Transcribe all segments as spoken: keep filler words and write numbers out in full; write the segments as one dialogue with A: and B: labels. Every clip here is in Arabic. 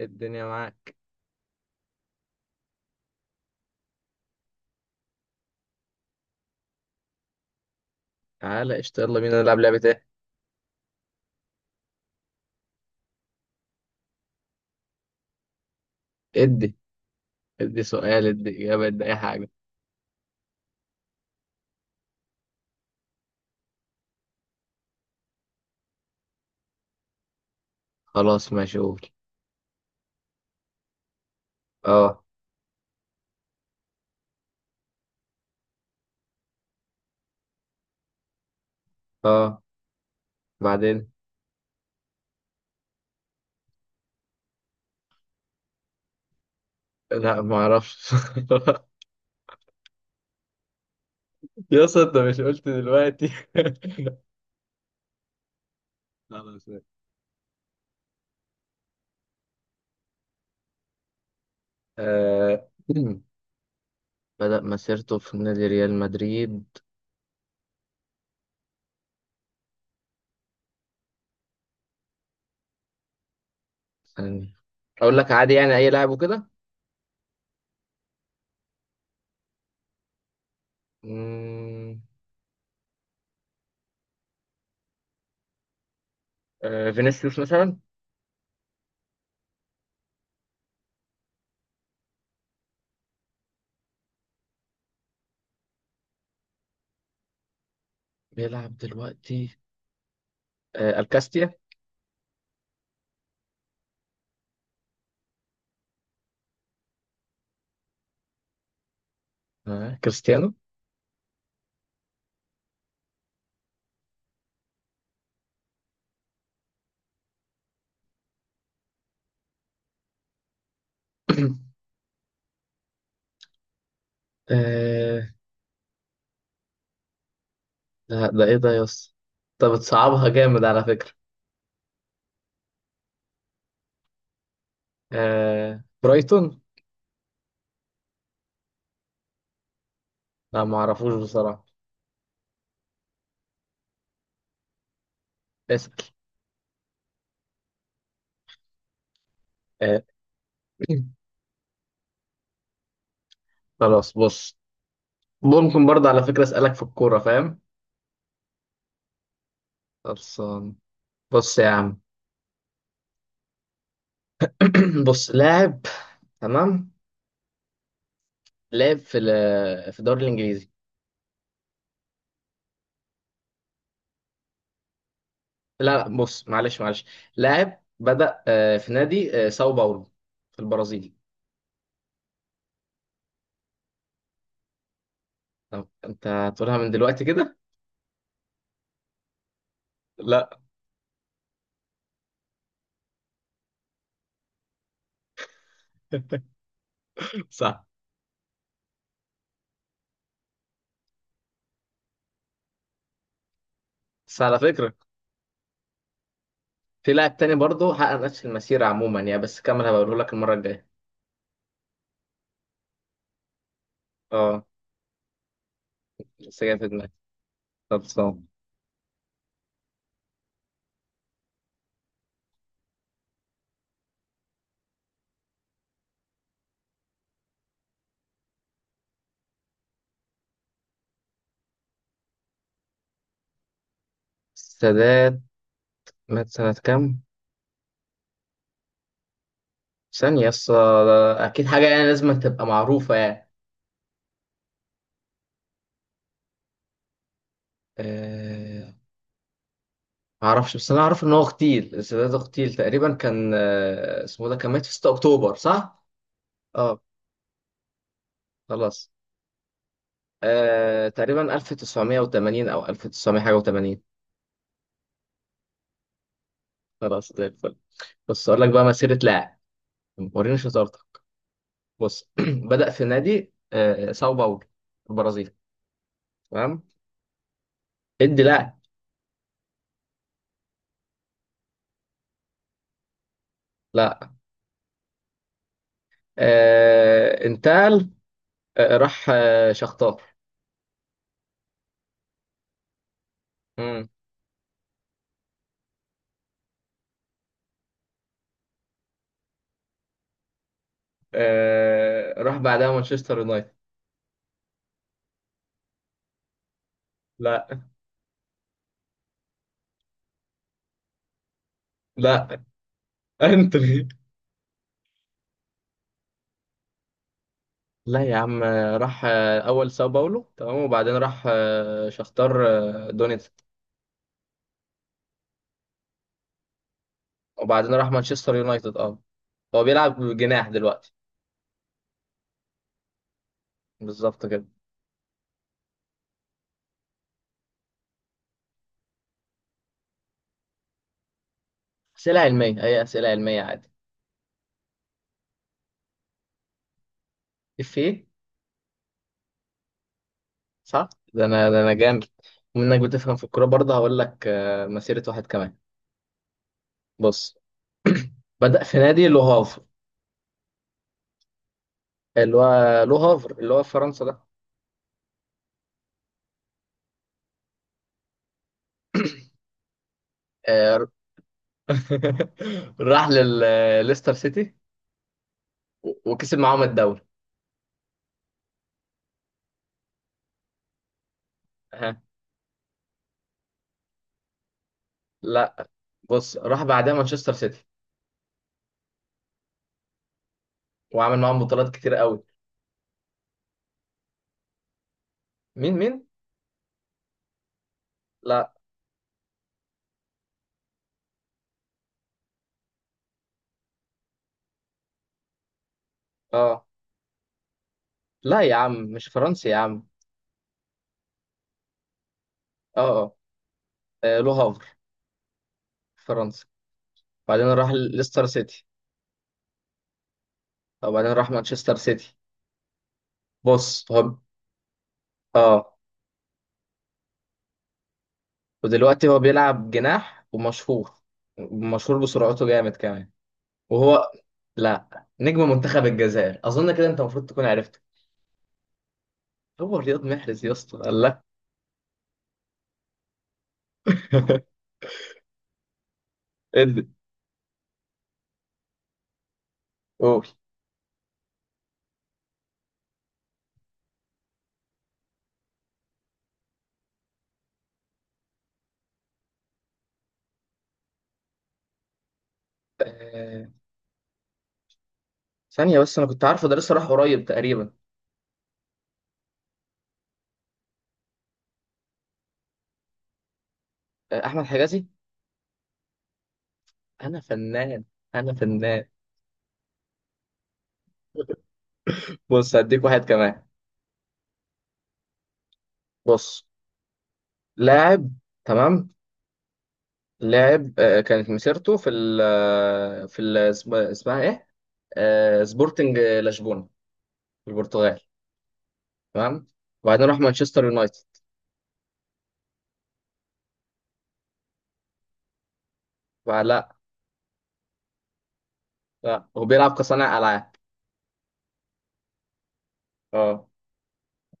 A: الدنيا معاك. تعالى قشطة، يلا بينا نلعب لعبة ايه. ادي، ادي سؤال، ادي إجابة، ادي أي حاجة. خلاص ماشي، قول. اه، اه. بعدين. لا ما اعرفش. يا اسطى انت مش قلت دلوقتي؟ خلاص ماشي. آه. بدأ مسيرته في نادي ريال مدريد. ثانية. اقول لك عادي يعني اي لاعب وكده. مم، آه. فينيسيوس مثلا. بيلعب دلوقتي. آه. الكاستيا. آه. كريستيانو. ده, ده ايه ده يا اسطى؟ انت بتصعبها جامد على فكرة. آه... برايتون. لا ما اعرفوش بصراحة. اسأل. آه... خلاص بص، ممكن برضه على فكرة اسألك في الكورة فاهم؟ خلصان. بص يا عم، بص لاعب، تمام، لاعب في ال- في الدوري الانجليزي. لا لا، بص معلش معلش، لاعب بدأ آه، في نادي آه، ساو باولو في البرازيل. طب انت هتقولها من دلوقتي كده؟ لا. صح. بس على فكرة في لاعب تاني برضه حقق نفس المسيرة عموما يعني، بس كمل هبقوله لك المرة الجاية. اه، بس جاي في دماغي. خلصان. السادات مات سنة كام؟ ثانية يس. أكيد حاجة يعني لازم تبقى معروفة يعني. أه... معرفش، بس أنا أعرف إن هو اغتيل، السادات اغتيل تقريبا، كان آه، اسمه ده، كان مات في ستة أكتوبر صح؟ اه، خلاص. أه... تقريبا ألف وتسعمية وتمانين أو ألف وتسعمية حاجة و80. خلاص زي الفل. بس أقول لك بقى مسيرة لاعب، وريني شطارتك. بص بدأ في نادي آه، ساو باولو، البرازيل. تمام. ادي لا. لا، آه، انتقل، آه، راح آه، شختار. مم. آه، راح بعدها مانشستر يونايتد. لا لا. انتوني. لا يا عم، آه، راح آه، اول ساو باولو تمام، وبعدين راح آه، شختار آه، دونيتسك، وبعدين راح مانشستر يونايتد. اه، هو بيلعب جناح دلوقتي. بالظبط كده. اسئله علميه، اي اسئله علميه عادي. اف ايه. صح. ده انا، ده انا جامد. ومنك بتفهم في الكوره برضه، هقول لك آه، مسيره واحد كمان. بص بدأ في نادي لو هافر، اللي هو لو هافر اللي هو في فرنسا ده. آه، راح لليستر سيتي و- وكسب معاهم الدوري. أها. لا، بص راح بعدها مانشستر سيتي، وعمل معاهم بطولات كتير قوي. مين، مين؟ لا. اه لا يا عم، مش فرنسي يا عم. اه، اه، آه، لو هافر، فرنسا، بعدين راح ليستر سيتي، وبعدين راح مانشستر سيتي. بص هو، اه، ودلوقتي هو بيلعب جناح، ومشهور، مشهور بسرعته جامد كمان. وهو، لا، نجم منتخب الجزائر اظن كده، انت المفروض تكون عرفته. هو رياض محرز يا اسطى، الله. ادي. قول. آه، ثانية بس، انا كنت عارفه، ده لسه راح قريب تقريبا. آه، احمد حجازي. انا فنان، انا فنان. بص هديك واحد كمان. بص، لاعب، تمام، لاعب آه، كانت مسيرته في ال آه، في ال اسم- اسمها ايه، آه، سبورتنج لشبونة، البرتغال. تمام. وبعدين راح مانشستر يونايتد. بعد لا. لا، هو بيلعب كصانع العاب. اه.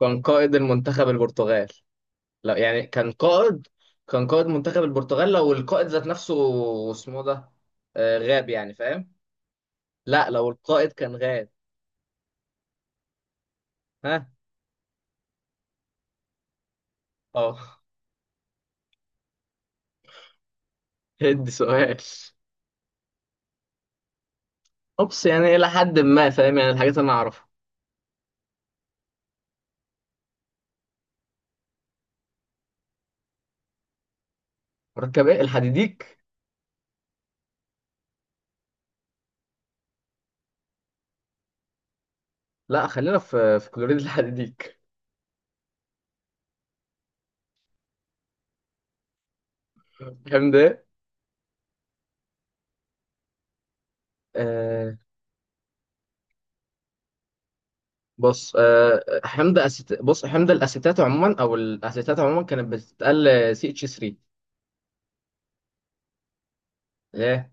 A: كان قائد المنتخب البرتغال. لا يعني كان قائد، كان قائد منتخب البرتغال لو القائد ذات نفسه اسمه ده آه غاب يعني، فاهم؟ لا، لو القائد كان غاب. ها. اه. هدي سؤال. اوبس يعني الى حد ما فاهم يعني الحاجات اللي انا اعرفها. مركب ايه الحديديك؟ لا، خلينا في في كلوريد الحديديك. فاهم. ده، بص آه، حمض أسيت... بص حمض الاسيتات عموما، او الاسيتات عموما كانت بتتقال سي اتش تلاتة. ليه؟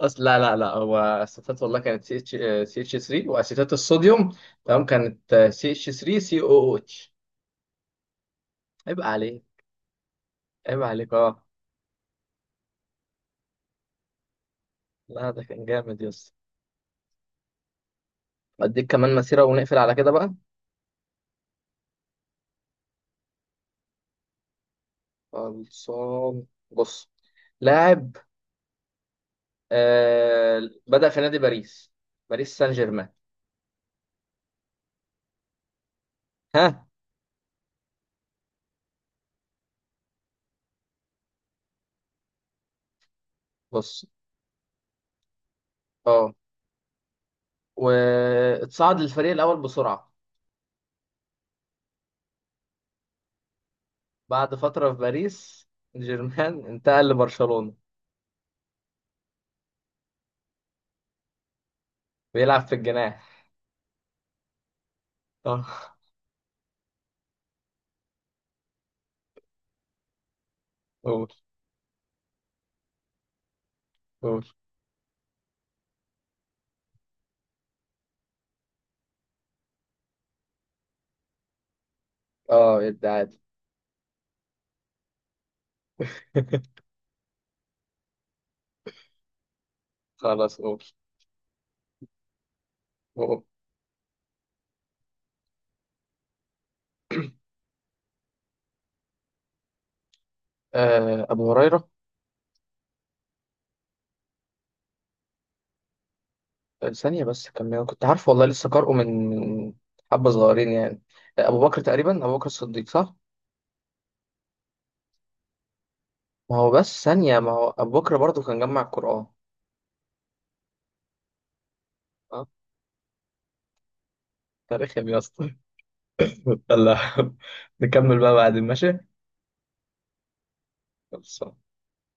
A: اصل لا لا لا، هو اسيتات والله كانت سي اتش سي اتش تلاتة، واسيتات الصوديوم، تمام، كانت سي اتش تلاتة سي او او اتش. عيب عليك، عيب عليك، اه. لا ده كان جامد يا اسطى. اديك كمان مسيره ونقفل على كده بقى. خلصان. بص، لاعب، آه، بدأ في نادي باريس، باريس سان جيرمان. ها. بص، اه، واتصعد للفريق الأول بسرعة. بعد فترة في باريس جيرمان انتقل لبرشلونة. بيلعب في الجناح. اه. قول، قول. اه الدعادي. خلاص قول، قول. آه أبو هريرة. آه، ثانية بس كمل، أنا كنت عارفه والله، لسه قارئه من من حبة صغيرين يعني. آه، أبو بكر تقريبا، أبو بكر الصديق صح؟ ما هو بس ثانية، ما هو أبو بكر برضه كان جمع القرآن. اه، تاريخ يا اسطى. يلا نكمل بقى بعدين ماشي؟ خلصان